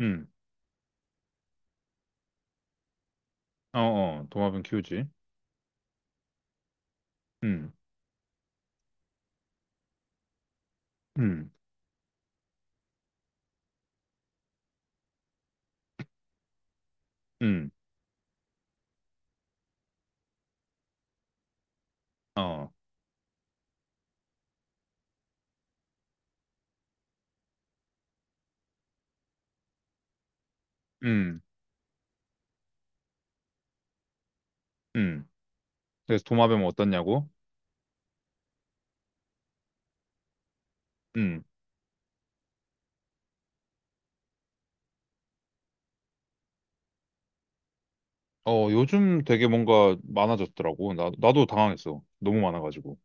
음, 어, 어, 도마뱀 키우지. 음, 음, 음, 어, 음, 음. 그래서 도마뱀 어떻냐고? 음, 어, 요즘 되게 뭔가 많아졌더라고. 나도 당황했어. 너무 많아가지고.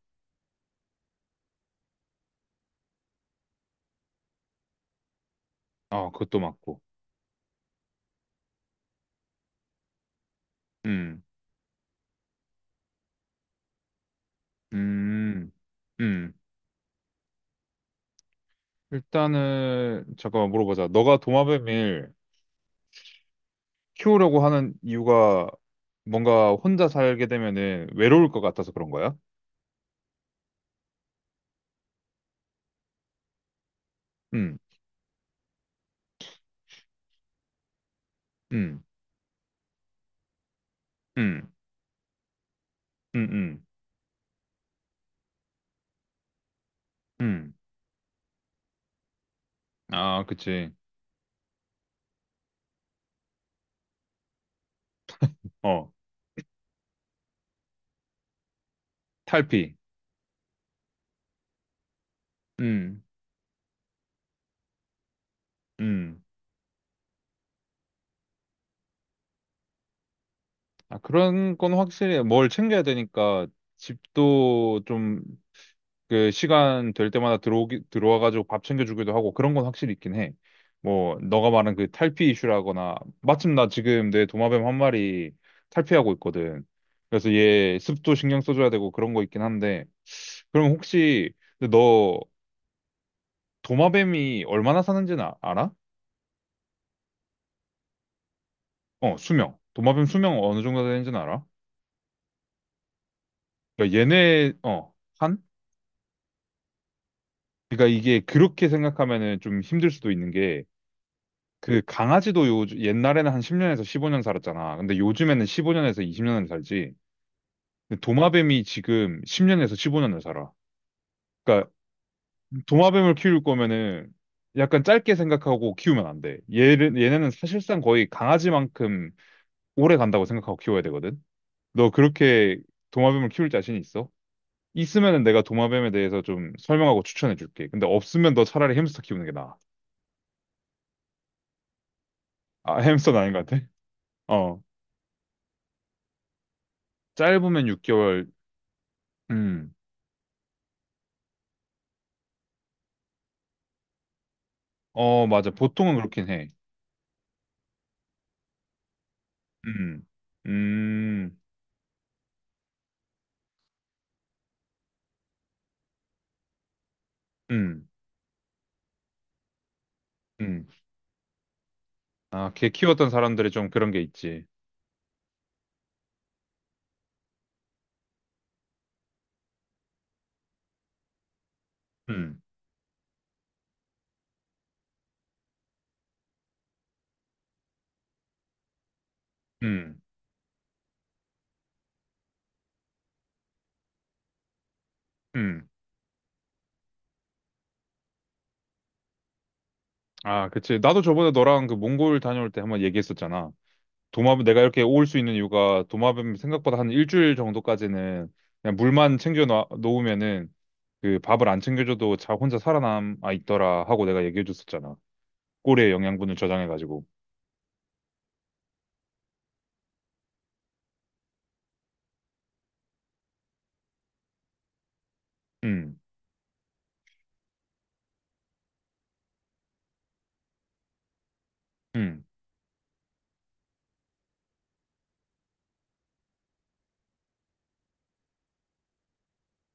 아, 그것도 맞고. 음, 음, 음. 일단은, 잠깐만 물어보자. 너가 도마뱀을 키우려고 하는 이유가 뭔가 혼자 살게 되면은 외로울 것 같아서 그런 거야? 음, 음, 음, 음, 음, 음. 아, 그치. 어. 탈피. 음, 음. 아, 그런 건 확실히 뭘 챙겨야 되니까 집도 좀 그 시간 될 때마다 들어오기, 들어와가지고 밥 챙겨주기도 하고 그런 건 확실히 있긴 해. 뭐, 너가 말한 그 탈피 이슈라거나 마침 나 지금 내 도마뱀 한 마리 탈피하고 있거든. 그래서 얘 습도 신경 써줘야 되고 그런 거 있긴 한데 그럼 혹시 근데 너 도마뱀이 얼마나 사는지는 알아? 어, 수명. 도마뱀 수명 어느 정도 되는지는 알아? 그러니까 얘네, 어. 한? 그러니까 이게 그렇게 생각하면은 좀 힘들 수도 있는 게 그 강아지도 요 옛날에는 한 10년에서 15년 살았잖아. 근데 요즘에는 15년에서 20년을 살지. 근데 도마뱀이 지금 10년에서 15년을 살아. 그러니까 도마뱀을 키울 거면은 약간 짧게 생각하고 키우면 안 돼. 얘를 얘네는 사실상 거의 강아지만큼 오래 간다고 생각하고 키워야 되거든. 너 그렇게 도마뱀을 키울 자신 있어? 있으면은 내가 도마뱀에 대해서 좀 설명하고 추천해 줄게. 근데 없으면 너 차라리 햄스터 키우는 게 나아. 아, 햄스터는 아닌 것 같아. 어, 짧으면 6개월. 음. 어, 맞아. 보통은 그렇긴 해. 음. 음. 음. 음. 아, 개 키웠던 사람들이 좀 그런 게 있지. 음. 음. 음. 아, 그치. 나도 저번에 너랑 그 몽골 다녀올 때 한번 얘기했었잖아. 도마뱀 내가 이렇게 올 수 있는 이유가 도마뱀 생각보다 한 일주일 정도까지는 그냥 물만 챙겨 놓으면은 그 밥을 안 챙겨줘도 자 혼자 살아남아 있더라 하고 내가 얘기해줬었잖아. 꼬리에 영양분을 저장해가지고. 음. 음.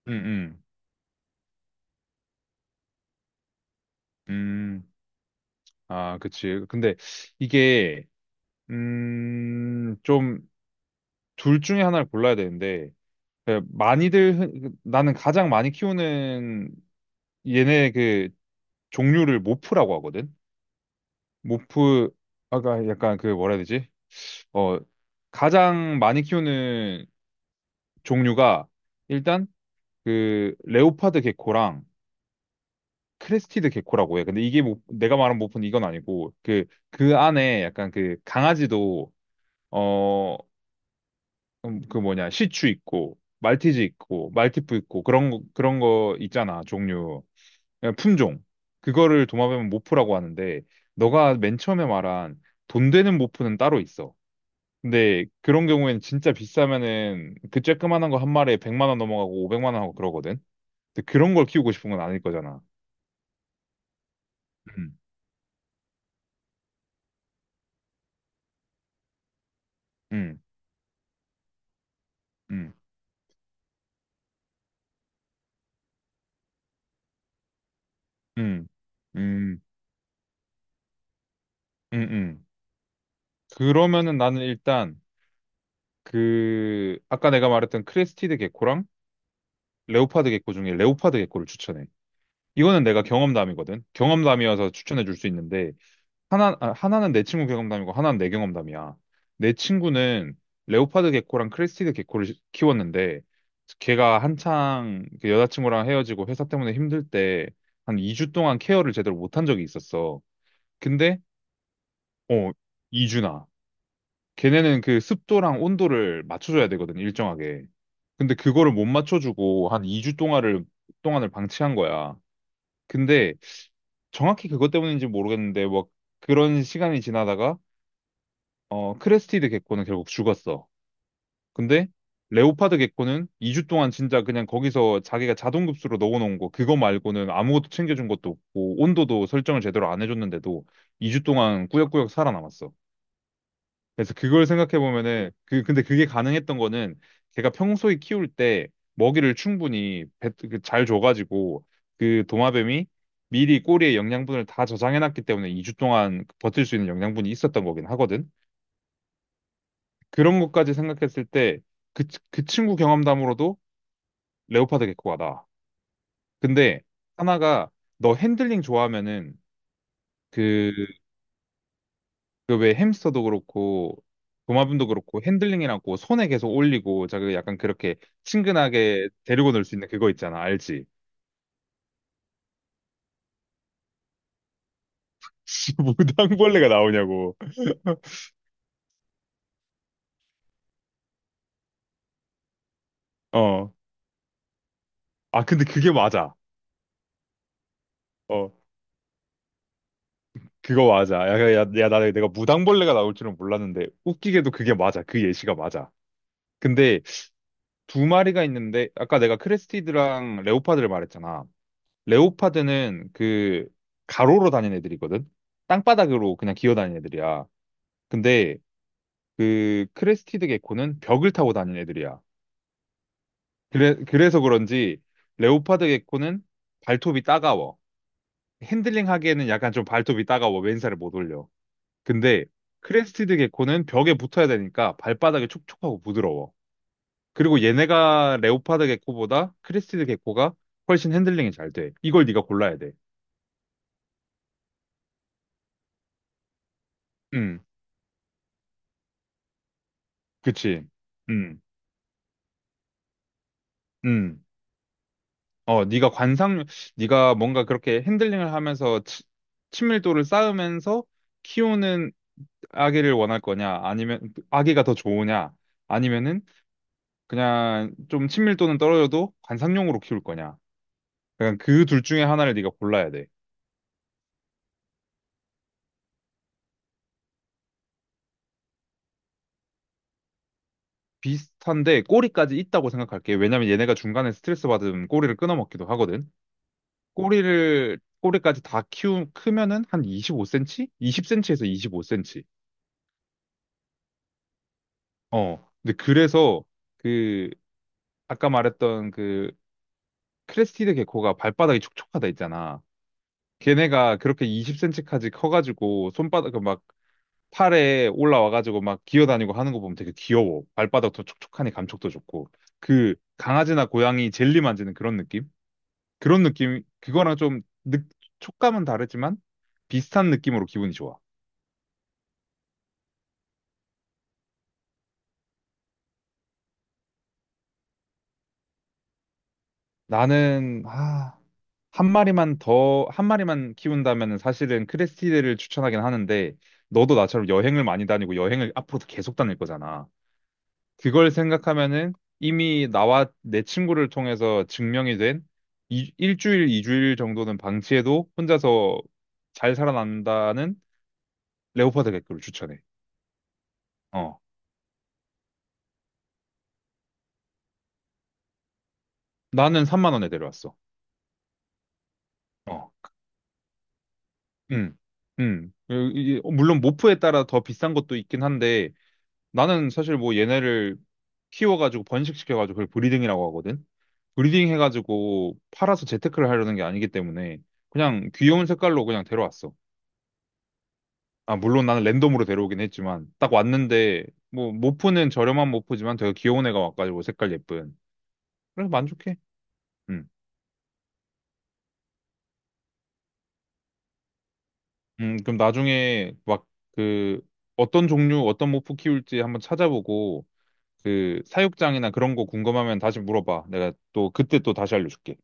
음. 음. 음, 아, 그치. 근데 이게, 좀, 둘 중에 하나를 골라야 되는데, 그 많이들, 그 나는 가장 많이 키우는 얘네 그 종류를 모프라고 하거든? 모프, 아까 약간 그 뭐라 해야 되지? 어, 가장 많이 키우는 종류가 일단 그 레오파드 개코랑 크레스티드 개코라고 해. 근데 이게 모, 내가 말한 모프는 이건 아니고, 그, 그 안에 약간 그 강아지도 어, 그 뭐냐 시추 있고 말티즈 있고 말티푸 있고 그런 거, 그런 거 있잖아 종류 그냥 품종 그거를 도마뱀은 모프라고 하는데 너가 맨 처음에 말한 돈 되는 모프는 따로 있어. 근데 그런 경우에는 진짜 비싸면은 그 쬐끄만한 거 한 마리에 100만 원 넘어가고 500만 원 하고 그러거든. 근데 그런 걸 키우고 싶은 건 아닐 거잖아. 음, 음, 음, 음, 음, 음, 음. 그러면은 나는 일단 그 아까 내가 말했던 크레스티드 개코랑 레오파드 개코 중에 레오파드 개코를 추천해. 이거는 내가 경험담이거든. 경험담이어서 추천해 줄 수 있는데 하나 아, 하나는 내 친구 경험담이고 하나는 내 경험담이야. 내 친구는 레오파드 개코랑 크레스티드 개코를 키웠는데 걔가 한창 그 여자친구랑 헤어지고 회사 때문에 힘들 때 한 2주 동안 케어를 제대로 못한 적이 있었어. 근데 어 2주나 걔네는 그 습도랑 온도를 맞춰줘야 되거든 일정하게. 근데 그거를 못 맞춰주고 한 2주 동안을 방치한 거야. 근데 정확히 그것 때문인지 모르겠는데 뭐 그런 시간이 지나다가 크레스티드 개코는 결국 죽었어. 근데 레오파드 개코는 2주 동안 진짜 그냥 거기서 자기가 자동급수로 넣어놓은 거 그거 말고는 아무것도 챙겨준 것도 없고 온도도 설정을 제대로 안 해줬는데도 2주 동안 꾸역꾸역 살아남았어. 그래서 그걸 생각해 보면은 그 근데 그게 가능했던 거는 걔가 평소에 키울 때 먹이를 충분히 그잘 줘가지고 그 도마뱀이 미리 꼬리에 영양분을 다 저장해 놨기 때문에 2주 동안 버틸 수 있는 영양분이 있었던 거긴 하거든. 그런 것까지 생각했을 때 그 그 친구 경험담으로도 레오파드 개코가 나. 근데 하나가 너 핸들링 좋아하면은 그 그 왜 햄스터도 그렇고 도마뱀도 그렇고 핸들링이라고 손에 계속 올리고 자그 약간 그렇게 친근하게 데리고 놀 수 있는 그거 있잖아 알지? 무당벌레가 나오냐고 어 근데 그게 맞아 어 그거 맞아 야야야 나 내가 무당벌레가 나올 줄은 몰랐는데 웃기게도 그게 맞아 그 예시가 맞아 근데 두 마리가 있는데 아까 내가 크레스티드랑 레오파드를 말했잖아 레오파드는 그 가로로 다니는 애들이거든 땅바닥으로 그냥 기어다니는 애들이야 근데 그 크레스티드 개코는 벽을 타고 다니는 애들이야. 그래, 그래서 그런지 레오파드 개코는 발톱이 따가워. 핸들링 하기에는 약간 좀 발톱이 따가워. 왼살을 못 올려. 근데 크레스티드 개코는 벽에 붙어야 되니까 발바닥이 촉촉하고 부드러워. 그리고 얘네가 레오파드 개코보다 크레스티드 개코가 훨씬 핸들링이 잘 돼. 이걸 네가 골라야 돼. 음, 그치. 음, 음. 어, 네가 관상, 네가 뭔가 그렇게 핸들링을 하면서 친밀도를 쌓으면서 키우는 아기를 원할 거냐, 아니면 아기가 더 좋으냐, 아니면은 그냥 좀 친밀도는 떨어져도 관상용으로 키울 거냐. 그냥 그 둘 중에 하나를 네가 골라야 돼. 비슷한데 꼬리까지 있다고 생각할게. 왜냐면 얘네가 중간에 스트레스 받으면 꼬리를 끊어먹기도 하거든. 꼬리를 꼬리까지 다 키우 크면은 한 25cm? 20cm에서 25cm. 어. 근데 그래서 그 아까 말했던 그 크레스티드 개코가 발바닥이 촉촉하다 있잖아. 걔네가 그렇게 20cm까지 커가지고 손바닥 그 막 팔에 올라와가지고 막 기어다니고 하는 거 보면 되게 귀여워. 발바닥도 촉촉하니 감촉도 좋고. 그 강아지나 고양이 젤리 만지는 그런 느낌? 그런 느낌, 그거랑 좀 느, 촉감은 다르지만 비슷한 느낌으로 기분이 좋아. 나는, 아, 한 마리만 키운다면 사실은 크레스티드를 추천하긴 하는데, 너도 나처럼 여행을 많이 다니고 여행을 앞으로도 계속 다닐 거잖아. 그걸 생각하면은 이미 나와 내 친구를 통해서 증명이 된 일주일, 이주일 정도는 방치해도 혼자서 잘 살아난다는 레오파드 개크를 추천해. 어. 나는 3만 원에 데려왔어. 어. 음. 음. 물론 모프에 따라 더 비싼 것도 있긴 한데, 나는 사실 뭐 얘네를 키워가지고 번식시켜가지고 그걸 브리딩이라고 하거든. 브리딩 해가지고 팔아서 재테크를 하려는 게 아니기 때문에 그냥 귀여운 색깔로 그냥 데려왔어. 아, 물론 나는 랜덤으로 데려오긴 했지만 딱 왔는데 뭐 모프는 저렴한 모프지만 되게 귀여운 애가 와가지고 색깔 예쁜. 그래서 만족해. 음. 그럼 나중에 막 그 어떤 종류, 어떤 모프 키울지 한번 찾아보고 그 사육장이나 그런 거 궁금하면 다시 물어봐. 내가 또 그때 또 다시 알려줄게.